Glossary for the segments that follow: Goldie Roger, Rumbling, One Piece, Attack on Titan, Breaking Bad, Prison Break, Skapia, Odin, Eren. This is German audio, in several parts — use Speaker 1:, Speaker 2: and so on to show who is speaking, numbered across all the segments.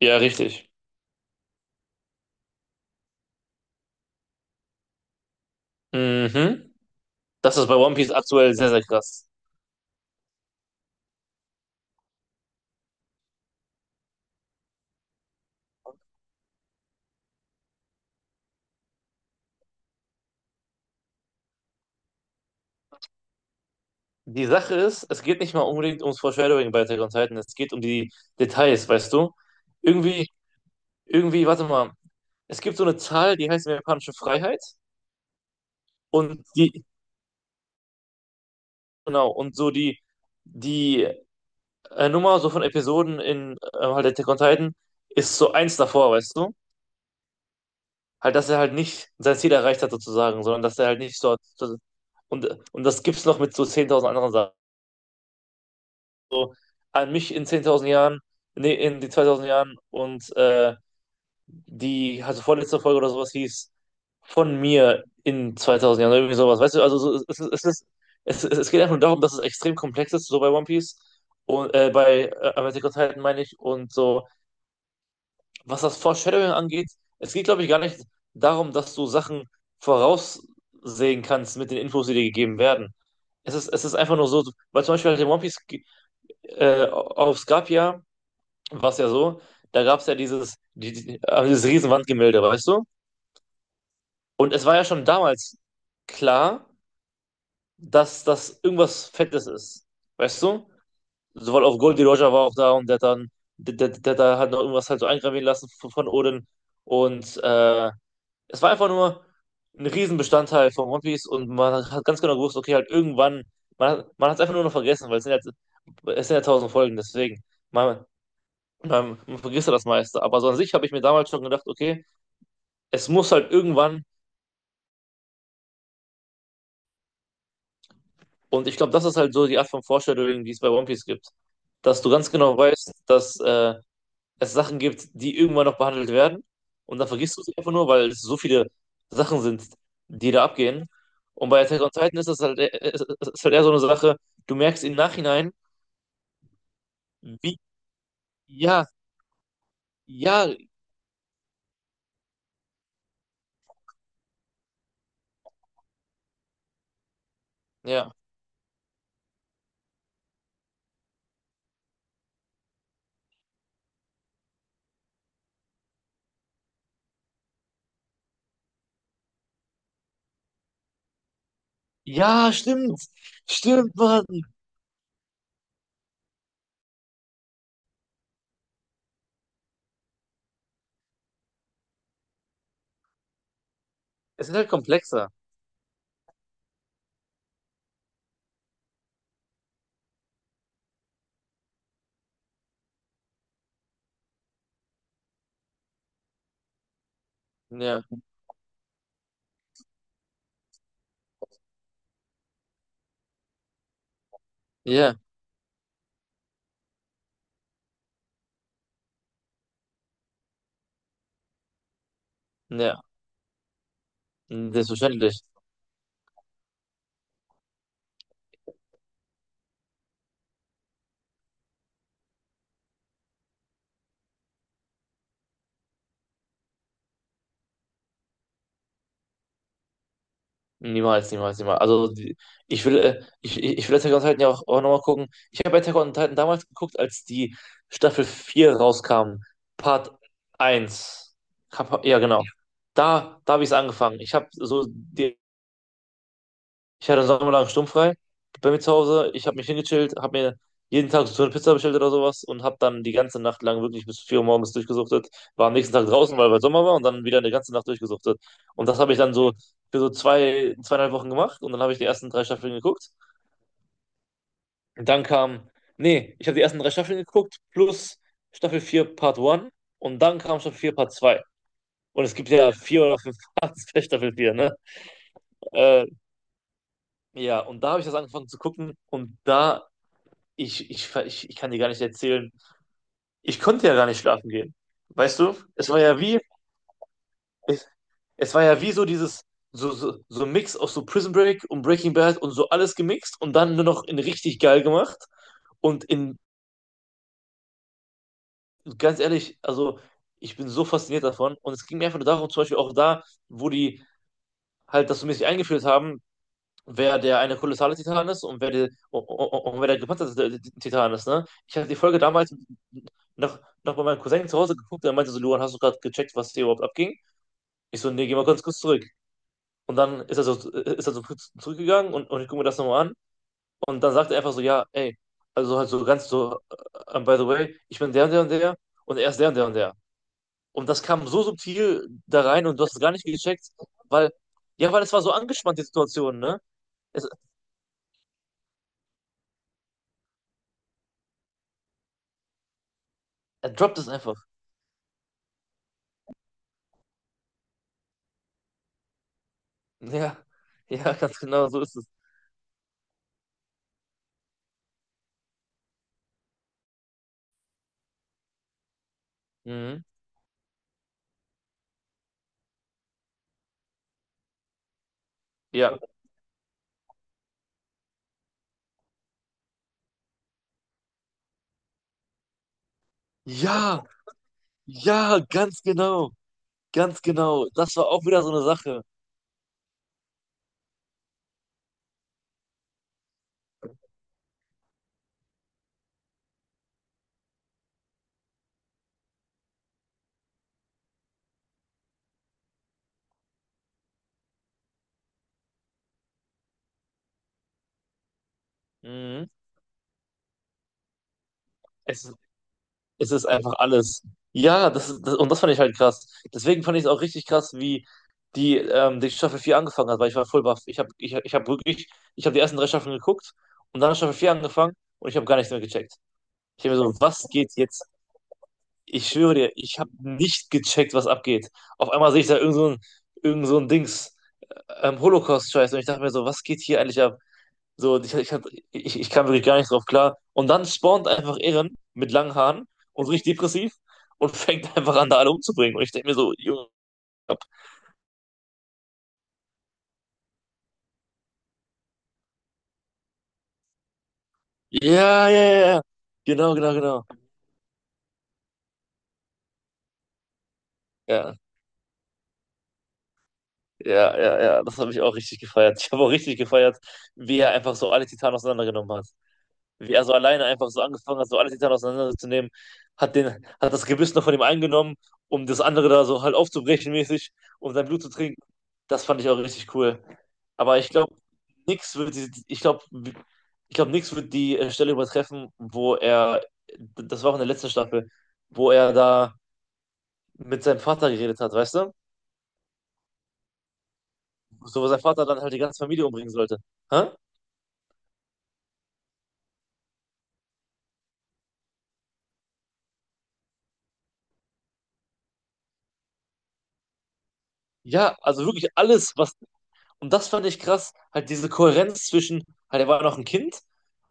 Speaker 1: Ja, richtig. Mhm. Das ist bei One Piece aktuell sehr, sehr krass. Die Sache ist, es geht nicht mal unbedingt ums Foreshadowing bei Attack on Titan, es geht um die Details, weißt du? Irgendwie, irgendwie, warte mal, es gibt so eine Zahl, die heißt japanische Freiheit, und genau, und so die Nummer so von Episoden in halt Attack on Titan ist so eins davor, weißt du? Halt, dass er halt nicht sein Ziel erreicht hat sozusagen, sondern dass er halt nicht so, und das gibt's noch mit so 10.000 anderen Sachen. So an mich in 10.000 Jahren, nee, in die 2000 Jahren und also vorletzte Folge oder sowas hieß, von mir in 2000 Jahren, oder irgendwie sowas. Weißt du, also so, es, ist- es, ist, es geht einfach nur darum, dass es extrem komplex ist, so bei One Piece und bei Attack on Titan meine ich, und so, was das Foreshadowing angeht, es geht, glaube ich, gar nicht darum, dass du Sachen voraussehen kannst mit den Infos, die dir gegeben werden. Es ist einfach nur so, weil zum Beispiel halt in One Piece auf Skapia war es ja so, da gab es ja dieses Riesenwandgemälde, weißt du? Und es war ja schon damals klar, dass das irgendwas Fettes ist, weißt du? Sowohl auf Goldie Roger war auch da, und der hat dann, der, der, der, der hat noch irgendwas halt so eingravieren lassen von, Odin. Und es war einfach nur ein Riesenbestandteil von One Piece, und man hat ganz genau gewusst, okay, halt irgendwann, man hat es einfach nur noch vergessen, weil es sind ja tausend Folgen, deswegen. Man, Und dann vergisst du das meiste. Aber so an sich habe ich mir damals schon gedacht, okay, es muss halt irgendwann, und ich glaube, das ist halt so die Art von Foreshadowing, die es bei One Piece gibt, dass du ganz genau weißt, dass es Sachen gibt, die irgendwann noch behandelt werden. Und dann vergisst du sie einfach nur, weil es so viele Sachen sind, die da abgehen. Und bei Attack on Titan ist das halt, ist halt eher so eine Sache, du merkst im Nachhinein, wie, ja, ja, ja, ja, stimmt, stimmt, Mann. Es ist halt komplexer. Ja, ja, ja. Selbstverständlich. Niemals, niemals, niemals. Also ich will Attack on Titan ja auch, nochmal gucken. Ich habe Attack on Titan damals geguckt, als die Staffel 4 rauskam. Part 1 Ja, genau. Da habe ich es angefangen. Ich habe so die Ich hatte sommerlang sturmfrei bei mir zu Hause. Ich habe mich hingechillt, habe mir jeden Tag so eine Pizza bestellt oder sowas und habe dann die ganze Nacht lang wirklich bis 4 Uhr morgens durchgesuchtet. War am nächsten Tag draußen, weil Sommer war, und dann wieder eine ganze Nacht durchgesuchtet. Und das habe ich dann so für so zwei, 2,5 Wochen gemacht, und dann habe ich die ersten drei Staffeln geguckt. Und dann kam, nee, ich habe die ersten drei Staffeln geguckt plus Staffel 4 Part 1, und dann kam Staffel 4 Part 2. Und es gibt ja vier oder fünf Parts bei Staffel 4, ne? Äh, ja, und da habe ich das angefangen zu gucken, und da ich kann dir gar nicht erzählen. Ich konnte ja gar nicht schlafen gehen. Weißt du? Es war ja wie, es, so dieses, so ein Mix aus so Prison Break und Breaking Bad und so alles gemixt und dann nur noch in richtig geil gemacht. Und in, ganz ehrlich, also ich bin so fasziniert davon. Und es ging mir einfach nur darum, zum Beispiel auch da, wo die halt das so mäßig eingeführt haben, wer der eine kolossale Titan ist und wer, die, und wer der gepanzerte Titan ist, ne? Ich hatte die Folge damals noch bei meinem Cousin zu Hause geguckt, der meinte so, Luan, hast du gerade gecheckt, was hier überhaupt abging? Ich so, nee, geh mal ganz kurz zurück. Und dann ist er so zurückgegangen, und ich gucke mir das nochmal an. Und dann sagt er einfach so, ja, ey, also halt so ganz so, by the way, ich bin der und der und der, und er ist der und der und der. Und das kam so subtil da rein, und du hast es gar nicht gecheckt, weil, ja, weil es war so angespannt, die Situation, ne? Es, er droppt es einfach. Ja, ja, ganz genau, so ist es. Mhm. Ja. Ja, ja, ganz genau. Ganz genau. Das war auch wieder so eine Sache. Mhm. Es, ist- es ist einfach alles. Ja, das, ist- das, und das fand ich halt krass. Deswegen fand ich es auch richtig krass, wie die Staffel 4 angefangen hat, weil ich war voll baff. Ich habe ich, ich hab wirklich, ich habe die ersten drei Staffeln geguckt, und dann hat Staffel 4 angefangen, und ich habe gar nichts mehr gecheckt. Ich habe mir so, was geht jetzt? Ich schwöre dir, ich habe nicht gecheckt, was abgeht. Auf einmal sehe ich da irgend so ein, Dings. Holocaust-Scheiß. Und ich dachte mir so, was geht hier eigentlich ab? So, und ich kam wirklich gar nicht drauf klar. Und dann spawnt einfach Eren mit langen Haaren und so richtig depressiv und fängt einfach an, da alle umzubringen. Und ich denke mir so, Junge, ja, ja, ja, ja. Genau, genau, genau. Ja, ja, ja, ja. Das habe ich auch richtig gefeiert. Ich habe auch richtig gefeiert, wie er einfach so alle Titanen auseinandergenommen hat, wie er so alleine einfach so angefangen hat, so alles hinterher auseinanderzunehmen, hat das Gebiss noch von ihm eingenommen, um das andere da so halt aufzubrechen mäßig, um sein Blut zu trinken. Das fand ich auch richtig cool. Aber ich glaube, nix wird die, ich glaube, nix wird die Stelle übertreffen, wo er, das war auch in der letzten Staffel, wo er da mit seinem Vater geredet hat, weißt du? So, wo sein Vater dann halt die ganze Familie umbringen sollte. Hä? Ja, also wirklich alles, was Und das fand ich krass, halt diese Kohärenz zwischen, halt er war noch ein Kind,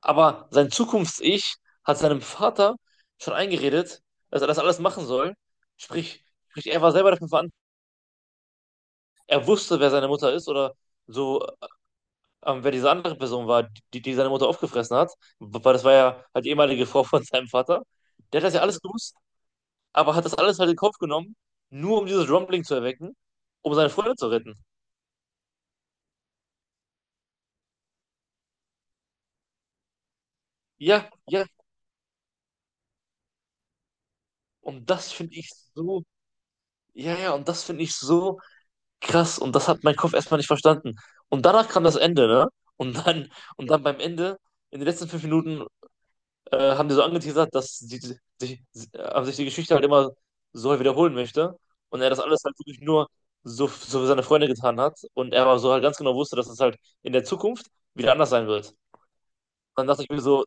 Speaker 1: aber sein Zukunfts-Ich hat seinem Vater schon eingeredet, dass er das alles machen soll. Sprich, sprich, er war selber dafür verantwortlich, er wusste, wer seine Mutter ist oder so, wer diese andere Person war, die seine Mutter aufgefressen hat, weil das war ja halt die ehemalige Frau von seinem Vater. Der hat das ja alles gewusst, aber hat das alles halt in den Kopf genommen, nur um dieses Rumbling zu erwecken, um seine Freunde zu retten. Ja, ja, und das finde ich so Ja, ja, und das finde ich so krass. Und das hat mein Kopf erstmal nicht verstanden. Und danach kam das Ende, ne? Und dann, und dann beim Ende, in den letzten 5 Minuten, haben die so angeteasert, dass sich die Geschichte halt immer so wiederholen möchte. Und er das alles halt wirklich nur so, so für seine Freunde getan hat. Und er aber so halt ganz genau wusste, dass es halt in der Zukunft wieder anders sein wird. Dann dachte ich mir so,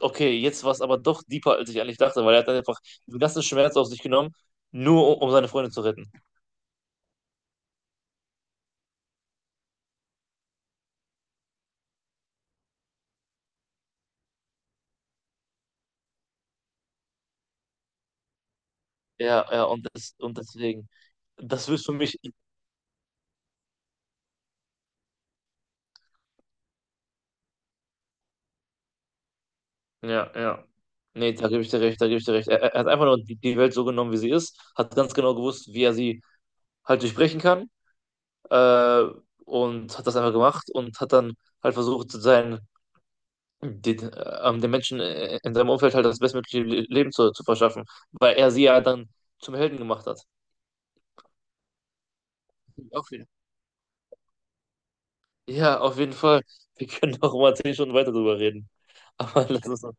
Speaker 1: okay, jetzt war es aber doch deeper, als ich eigentlich dachte, weil er hat dann einfach den ganzen Schmerz auf sich genommen, nur um, seine Freunde zu retten. Ja, ja, und das, und deswegen, das wirst du mich. Ja, ja. Nee, da gebe ich dir recht, da gebe ich dir recht. Er hat einfach nur die Welt so genommen, wie sie ist, hat ganz genau gewusst, wie er sie halt durchbrechen kann, äh, und hat das einfach gemacht und hat dann halt versucht, den Menschen in seinem Umfeld halt das bestmögliche Leben zu verschaffen, weil er sie ja dann zum Helden gemacht hat. Auch wieder. Ja, auf jeden Fall. Wir können noch mal 10 Stunden weiter drüber reden. Aber lass uns